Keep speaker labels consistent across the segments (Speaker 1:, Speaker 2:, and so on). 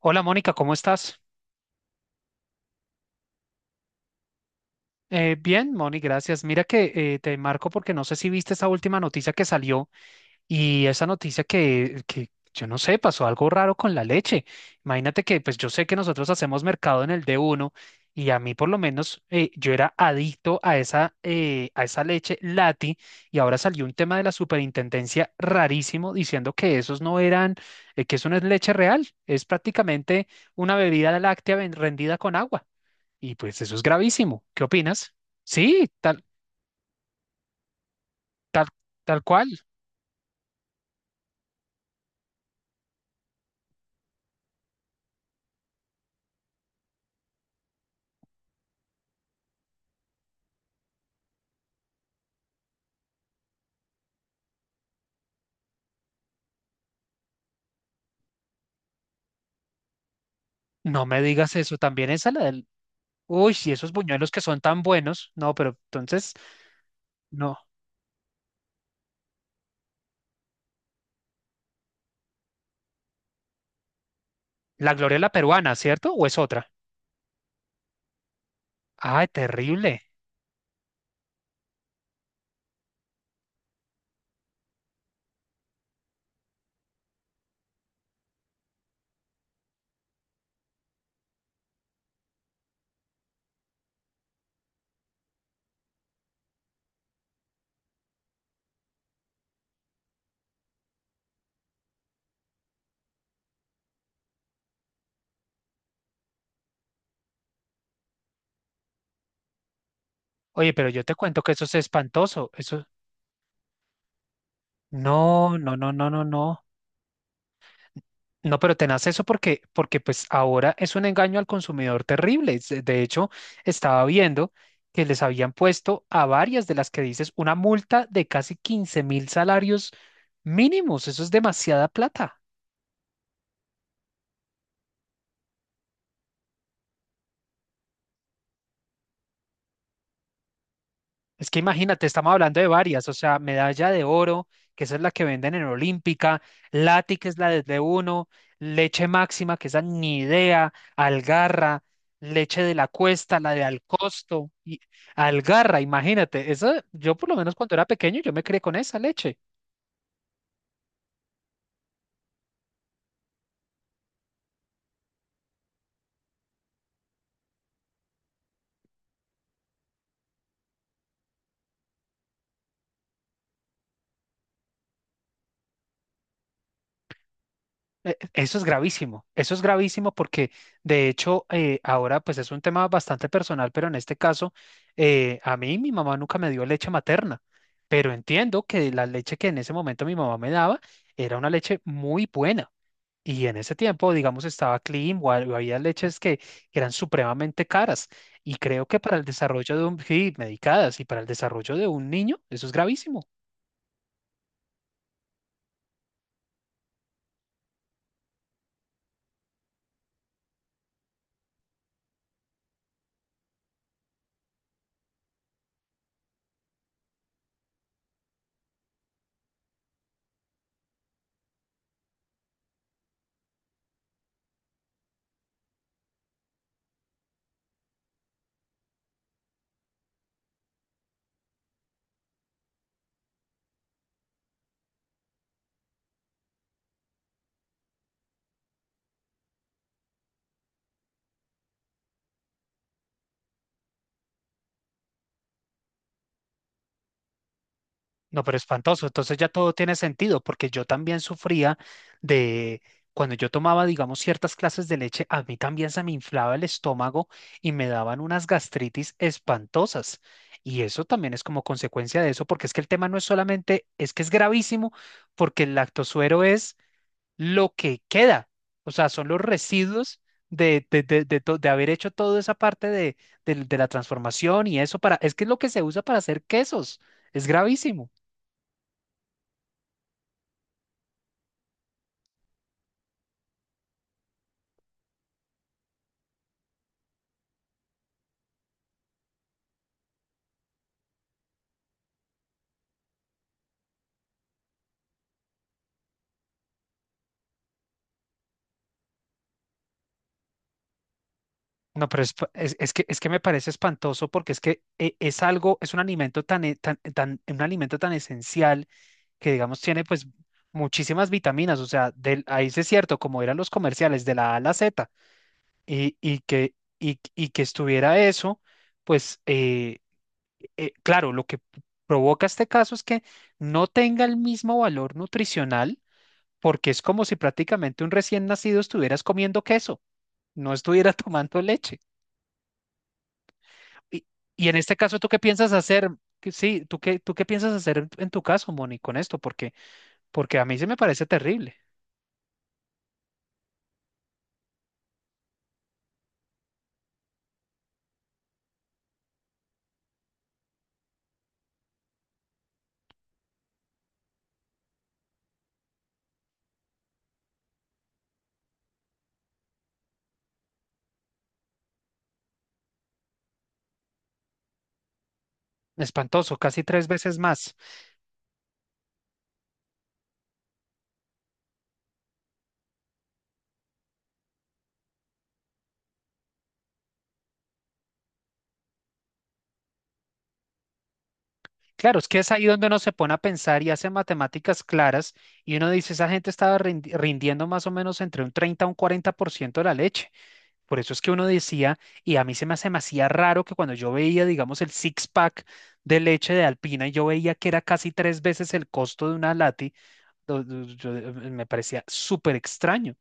Speaker 1: Hola Mónica, ¿cómo estás? Bien, Moni, gracias. Mira que te marco porque no sé si viste esa última noticia que salió y esa noticia que yo no sé, pasó algo raro con la leche. Imagínate que pues yo sé que nosotros hacemos mercado en el d uno y a mí por lo menos yo era adicto a esa leche Lati, y ahora salió un tema de la superintendencia rarísimo diciendo que esos no eran, que eso no es leche real, es prácticamente una bebida láctea rendida con agua. Y pues eso es gravísimo. ¿Qué opinas? Sí, tal, tal cual. No me digas eso. También esa la del. Uy, si esos buñuelos que son tan buenos. No, pero entonces, no. La Gloria, la peruana, ¿cierto? ¿O es otra? Ay, terrible. Oye, pero yo te cuento que eso es espantoso. Eso. No, no, no, no, no, no. No, pero tenaz eso porque, porque pues ahora es un engaño al consumidor terrible. De hecho, estaba viendo que les habían puesto a varias de las que dices una multa de casi 15.000 salarios mínimos. Eso es demasiada plata. Es que imagínate, estamos hablando de varias, o sea, medalla de oro, que esa es la que venden en Olímpica, Lati, que es la de uno, leche máxima, que esa ni idea, Algarra, leche de la cuesta, la de Alcosto, y Algarra, imagínate, eso yo por lo menos cuando era pequeño yo me crié con esa leche. Eso es gravísimo porque de hecho ahora pues es un tema bastante personal, pero en este caso a mí mi mamá nunca me dio leche materna, pero entiendo que la leche que en ese momento mi mamá me daba era una leche muy buena, y en ese tiempo digamos estaba clean o o había leches que eran supremamente caras, y creo que para el desarrollo de un, sí, medicadas y para el desarrollo de un niño eso es gravísimo. No, pero espantoso. Entonces ya todo tiene sentido, porque yo también sufría de cuando yo tomaba, digamos, ciertas clases de leche, a mí también se me inflaba el estómago y me daban unas gastritis espantosas. Y eso también es como consecuencia de eso, porque es que el tema no es solamente, es que es gravísimo, porque el lactosuero es lo que queda, o sea, son los residuos de haber hecho toda esa parte de la transformación, y eso para, es que es lo que se usa para hacer quesos, es gravísimo. No, pero es, es que me parece espantoso porque es que es algo, es un alimento tan, e- tan, tan- un alimento tan esencial que, digamos, tiene pues muchísimas vitaminas. O sea, del, ahí sí es cierto, como eran los comerciales de la A a la Z, y que estuviera eso, pues claro, lo que provoca este caso es que no tenga el mismo valor nutricional, porque es como si prácticamente un recién nacido estuvieras comiendo queso, no estuviera tomando leche. Y, y en este caso, ¿tú qué piensas hacer? Que sí, ¿tú qué piensas hacer en tu caso, Moni, con esto? Porque, porque a mí se me parece terrible, espantoso, casi tres veces más. Claro, es que es ahí donde uno se pone a pensar y hace matemáticas claras, y uno dice, esa gente estaba rindiendo más o menos entre un 30 a un 40% de la leche. Por eso es que uno decía, y a mí se me hace demasiado raro que cuando yo veía, digamos, el six-pack de leche de Alpina, y yo veía que era casi tres veces el costo de una lati. Me parecía súper extraño,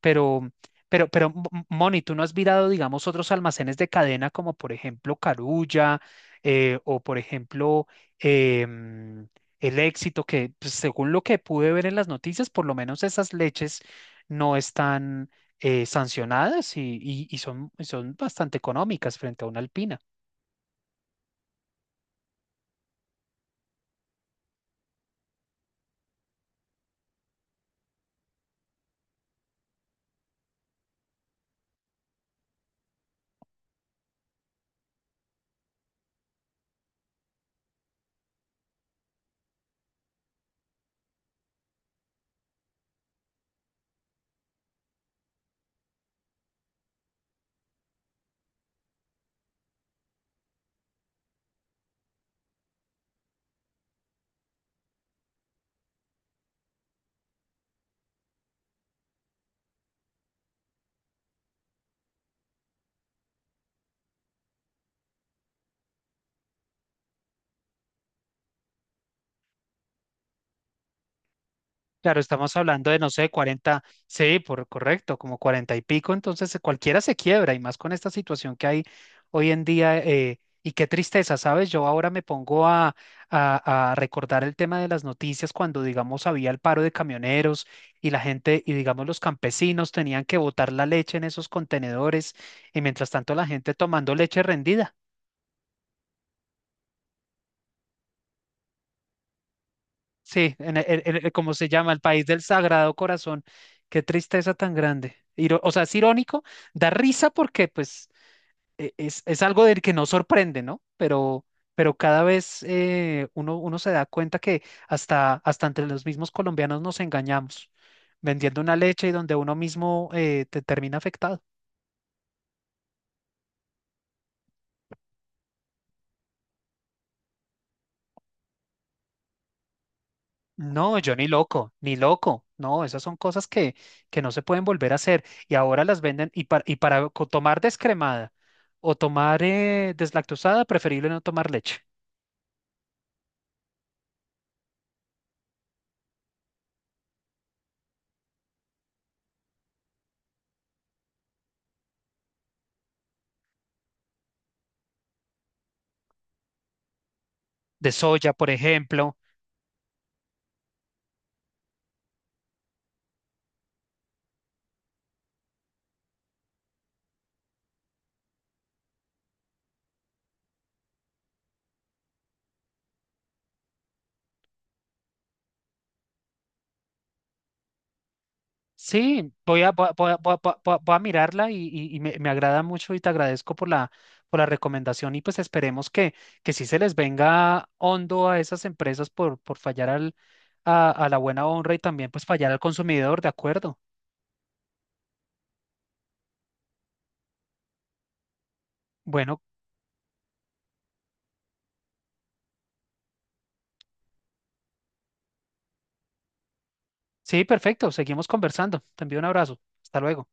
Speaker 1: pero, pero, pero, M- Moni, ¿tú no has mirado, digamos, otros almacenes de cadena como, por ejemplo, Carulla o, por ejemplo, em, El Éxito, que pues, según lo que pude ver en las noticias, por lo menos esas leches no están sancionadas y son bastante económicas frente a una Alpina? Claro, estamos hablando de, no sé, 40, sí, por correcto, como 40 y pico, entonces cualquiera se quiebra y más con esta situación que hay hoy en día. Y qué tristeza, ¿sabes? Yo ahora me pongo a recordar el tema de las noticias cuando, digamos, había el paro de camioneros y la gente, y digamos, los campesinos tenían que botar la leche en esos contenedores, y mientras tanto la gente tomando leche rendida. Sí, en, el en- como se llama, el país del Sagrado Corazón. Qué tristeza tan grande. O sea, es irónico, da risa porque pues es algo del que no sorprende, ¿no? Pero cada vez uno se da cuenta que hasta, hasta entre los mismos colombianos nos engañamos, vendiendo una leche y donde uno mismo te termina afectado. No, yo ni loco, ni loco. No, esas son cosas que no se pueden volver a hacer, y ahora las venden y, y para tomar descremada, o tomar deslactosada, preferible no tomar leche. De soya, por ejemplo. Sí, voy a, voy a, voy a- voy a- voy a- voy a mirarla y me agrada mucho, y te agradezco por la recomendación, y pues esperemos que sí se les venga hondo a esas empresas por fallar al, a la buena honra, y también pues fallar al consumidor, ¿de acuerdo? Bueno, sí, perfecto, seguimos conversando. Te envío un abrazo. Hasta luego.